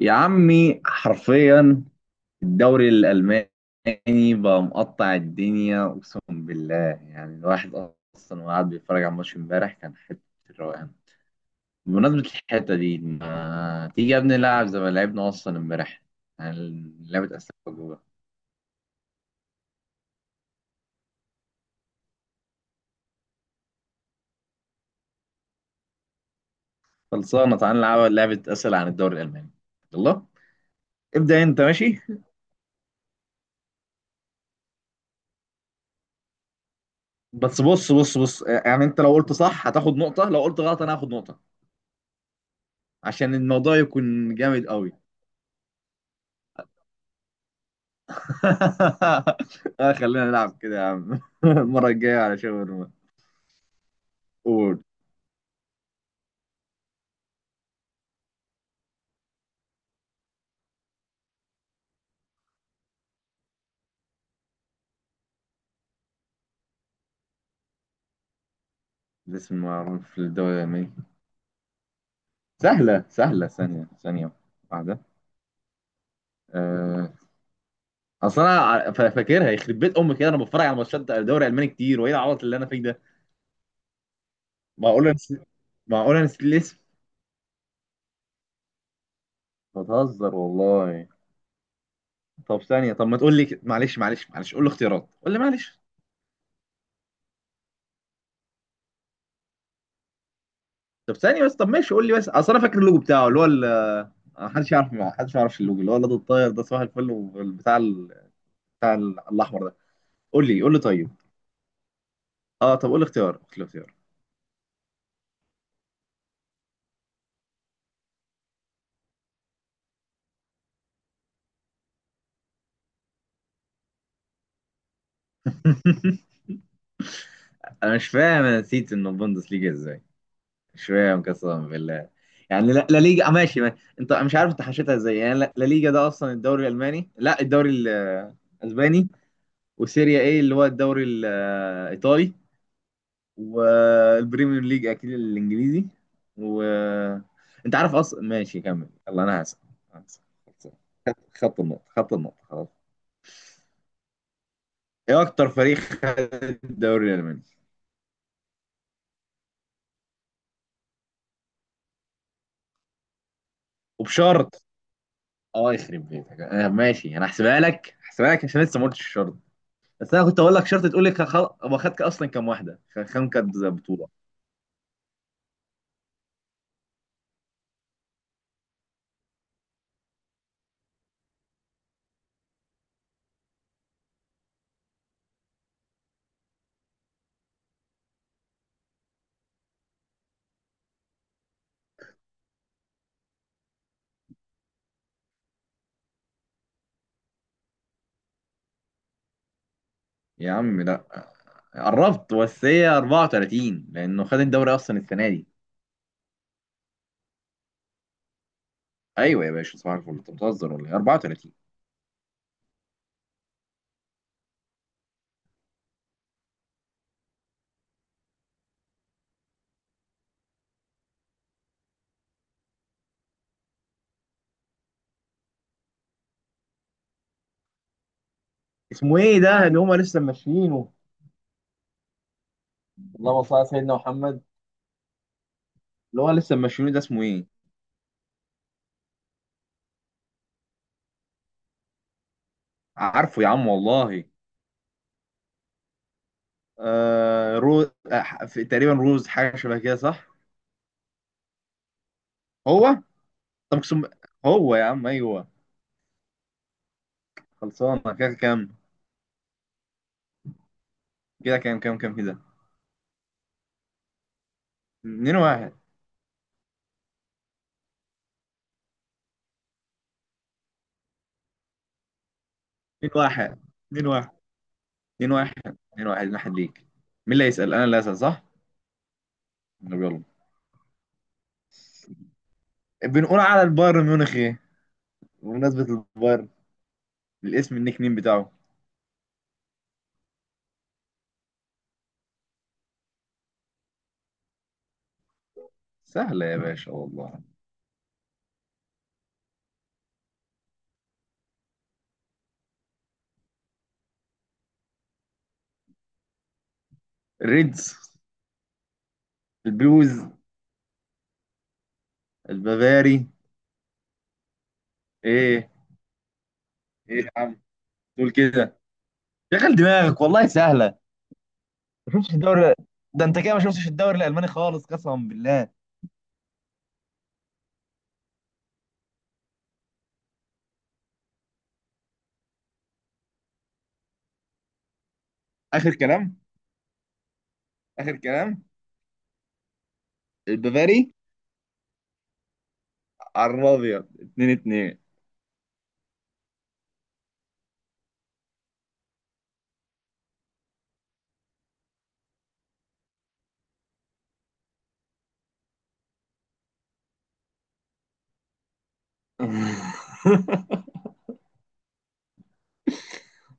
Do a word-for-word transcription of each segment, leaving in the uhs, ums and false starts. يا عمي حرفيا الدوري الألماني بقى مقطع الدنيا، أقسم بالله. يعني الواحد أصلا وقاعد بيتفرج على الماتش امبارح كان حتة الروقان. بمناسبة الحتة دي، ما تيجي يا ابني نلعب زي ما لعبنا أصلا امبارح؟ يعني لعبة أسئلة وجوه. خلصانة، تعال نلعب لعبة أسئلة عن الدوري الألماني. يلا ابدأ أنت، ماشي. بس بص بص بص، يعني أنت لو قلت صح هتاخد نقطة، لو قلت غلط أنا هاخد نقطة، عشان الموضوع يكون جامد قوي. آه خلينا نلعب كده يا عم. المرة الجاية على شاورما. قول. الاسم المعروف في الدولة اليابانية؟ سهلة سهلة، ثانية ثانية واحدة. أه... أصل أنا ع- فا- فاكرها، يخرب بيت أمي كده، أنا بتفرج على ماتشات الدوري الألماني كتير، وإيه العبط اللي أنا فيه ده؟ معقول أنا نسيت؟ معقول أنا نسيت الاسم؟ بتهزر والله. طب ثانية، طب ما تقول لي، ك- معلش معلش معلش، قول لي اختيارات، قول لي، معلش. طب ثانية بس، طب ماشي قول لي، بس اصل انا فاكر اللوجو بتاعه اللي هو ال- محدش يعرف، محدش ما يعرفش اللوجو اللي هو الواد الطاير ده، صباح الفل، والبتاع ال- بتاع ال- الاحمر ده. قول لي، قول لي طيب. اه طب قول لي اختيار، قول لي اختيار. انا مش فاهم، انا نسيت انه بوندس ليجا ازاي. مش فاهم قسما بالله. يعني لا, لا ليجا، آه، ماشي ما. انت مش عارف انت حشيتها ازاي. يعني لا, لا ليجا ده اصلا الدوري الالماني؟ لا، الدوري ال- الاسباني. وسيريا ايه اللي هو الدوري الايطالي. والبريمير ليج اكيد الانجليزي. و انت عارف اصلا، ماشي كمل، يلا انا هسأل. هسأل. خط خط النقطة، خط النقطة، خلاص. ايه اكتر فريق خد الدوري الالماني؟ وبشرط. اه يخرب بيتك، آه ماشي، انا هحسبها لك، هحسبها لك عشان لسه ما قلتش الشرط. بس انا كنت اقول لك شرط، تقول لي خ- خل... هو خد اصلا كام واحدة، خ- كام كانت بطولة. يا عم لا، قربت بس هي أربعة وثلاثين، لانه خد الدوري اصلا السنة دي. ايوه يا باشا صباح الفل، انت بتهزر ولا ايه؟ أربعة وثلاثين. اسمه ايه ده اللي هما لسه ماشيينه؟ اللهم صل على سيدنا محمد. اللي هو لسه ماشيينه ده اسمه ايه؟ عارفه يا عم والله. آه روز، آه، في- تقريبا روز، حاجه شبه كده صح؟ هو. طب اقسم. هو يا عم، ايوه. خلصانه كده كام؟ كده كام كام كام كده. اتنين واحد. اتنين واحد. اتنين واحد. اتنين واحد اتنين واحد. اتنين واحد ليك. مين اللي هيسال؟ انا اللي هسال صح. طب يلا. بنقول على البايرن ميونخ ايه؟ بمناسبه البايرن، الاسم النيك نيم بتاعه. سهله يا باشا والله. ريدز؟ البلوز؟ البافاري؟ ايه؟ ايه يا عم تقول كده؟ شغل دماغك والله سهله. ما شفتش الدوري؟ ده انت كده ما شفتش الدوري الالماني خالص قسما بالله. اخر كلام. اخر كلام. البافاري. على الابيض اتنين اتنين.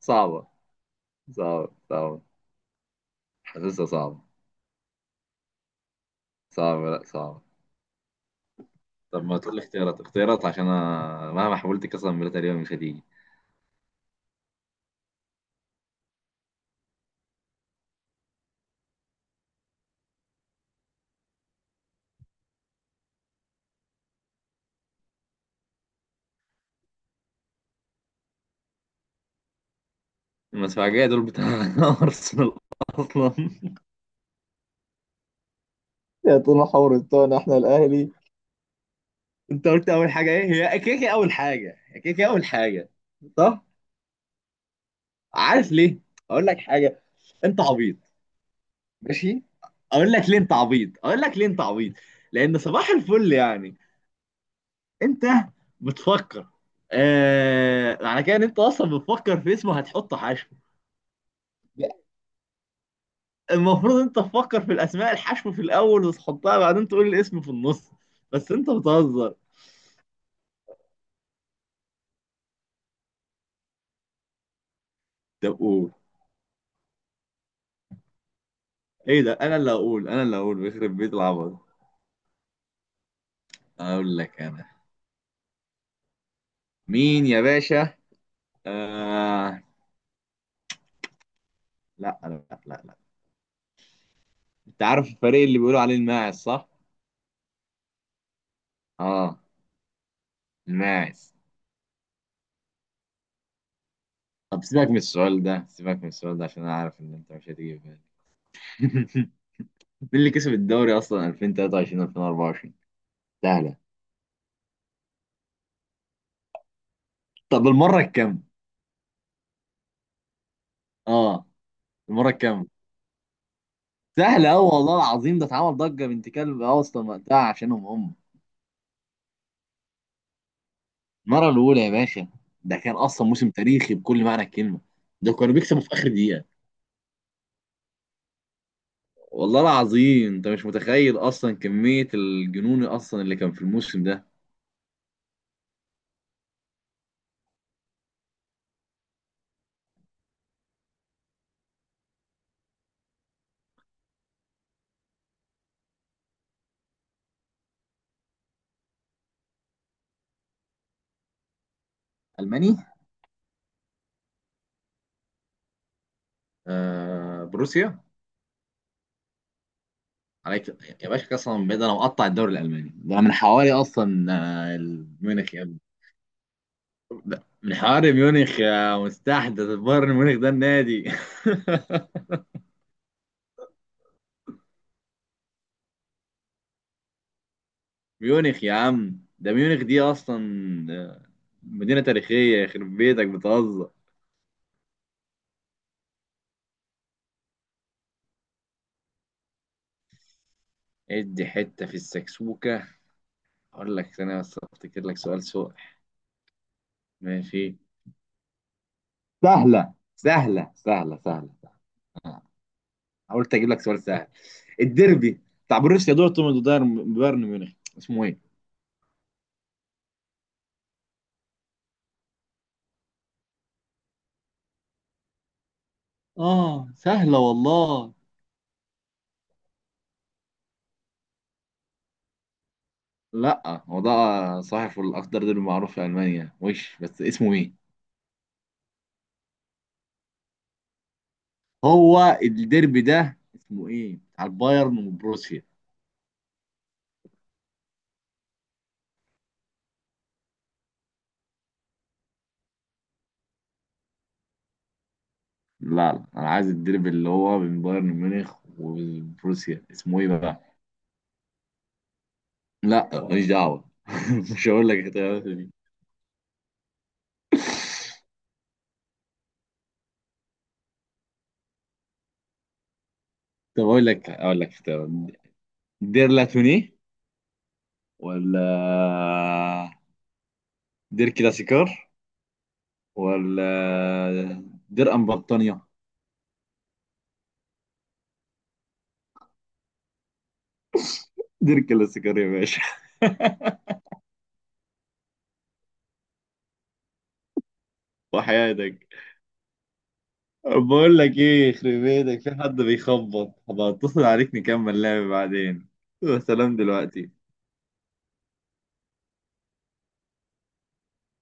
صعبه صعبه صعبه. حاسسها صعبه. صعبه لا صعبه. طب ما تقول لي اختيارات، اختيارات، عشان انا مهما حاولت قسما بالله تقريبا مش هتيجي. المدفعجيه دول بتاع ارسنال اصلا، يا طول حور التونة، احنا الاهلي. انت قلت اول حاجه ايه؟ هي كده كده اول حاجه، هي كده كده اول حاجه. صح. عارف ليه؟ اقول لك حاجه، انت عبيط. ماشي. اقول لك ليه انت عبيط، اقول لك ليه انت عبيط. لان صباح الفل يعني، انت بتفكر آه... على كده، ان انت اصلا بتفكر في اسمه هتحط حشو. المفروض انت تفكر في الاسماء الحشو في الاول وتحطها بعدين، تقول الاسم في النص. بس انت بتهزر. طب قول. ايه ده، انا اللي هقول، انا اللي هقول، بيخرب بيت العبط. اقول لك انا. مين يا باشا؟ آه. لا لا لا لا. انت عارف الفريق اللي بيقولوا عليه الماعز صح؟ اه، الماعز. طب سيبك من السؤال ده، سيبك من السؤال ده عشان انا عارف ان انت مش هتيجي في بالك. مين اللي كسب الدوري اصلا ألفين وتلاتة وعشرين ألفين وأربعة وعشرين؟ سهله. طب المره الكام؟ اه المره الكام؟ سهله قوي والله العظيم، ده اتعمل ضجه بنت كلب اصلا وقتها عشانهم هم. المره الاولى يا باشا. ده كان اصلا موسم تاريخي بكل معنى الكلمه. ده كانوا بيكسبوا في اخر دقيقه. والله العظيم انت مش متخيل اصلا كمية الجنون اصلا اللي كان في الموسم ده. الماني. آه بروسيا. عليك يا باشا. قسما بالله انا مقطع الدوري الالماني ده من حوالي اصلا، آه، ميونخ يا. ده من حوالي، ميونخ يا مستحدث، بايرن ميونخ ده النادي. ميونخ يا عم، ده ميونخ دي اصلا، آه، مدينة تاريخية. يخرب بيتك بتهزر. ادي حتة في السكسوكة. اقول لك، ثانية بس افتكر لك سؤال. سؤال. ماشي. سهلة سهلة سهلة سهلة. آه، حاولت أجيب لك سؤال سهل. الديربي بتاع بروسيا دورتموند وبايرن بايرن ميونخ، اسمه إيه؟ اه سهلة والله. لا هو ده. صحيح الأخضر ديربي معروف في ألمانيا وش، بس اسمه إيه؟ هو الديربي ده اسمه إيه؟ بتاع البايرن وبروسيا. لا لا، أنا عايز الديربي اللي هو بين بايرن ميونخ وبروسيا، اسمه إيه بقى؟ لا ماليش دعوة. مش هقول لك اختيارات دي. طب أقول لك، أقول لك اختيارات. دير لاتوني، ولا دير كلاسيكار، ولا دير ام بطانية. دير كلاسيكار يا باشا. وحياتك. بقول لك ايه، يخرب بيتك في حد بيخبط، هبقى اتصل عليك نكمل لعب بعدين. سلام دلوقتي.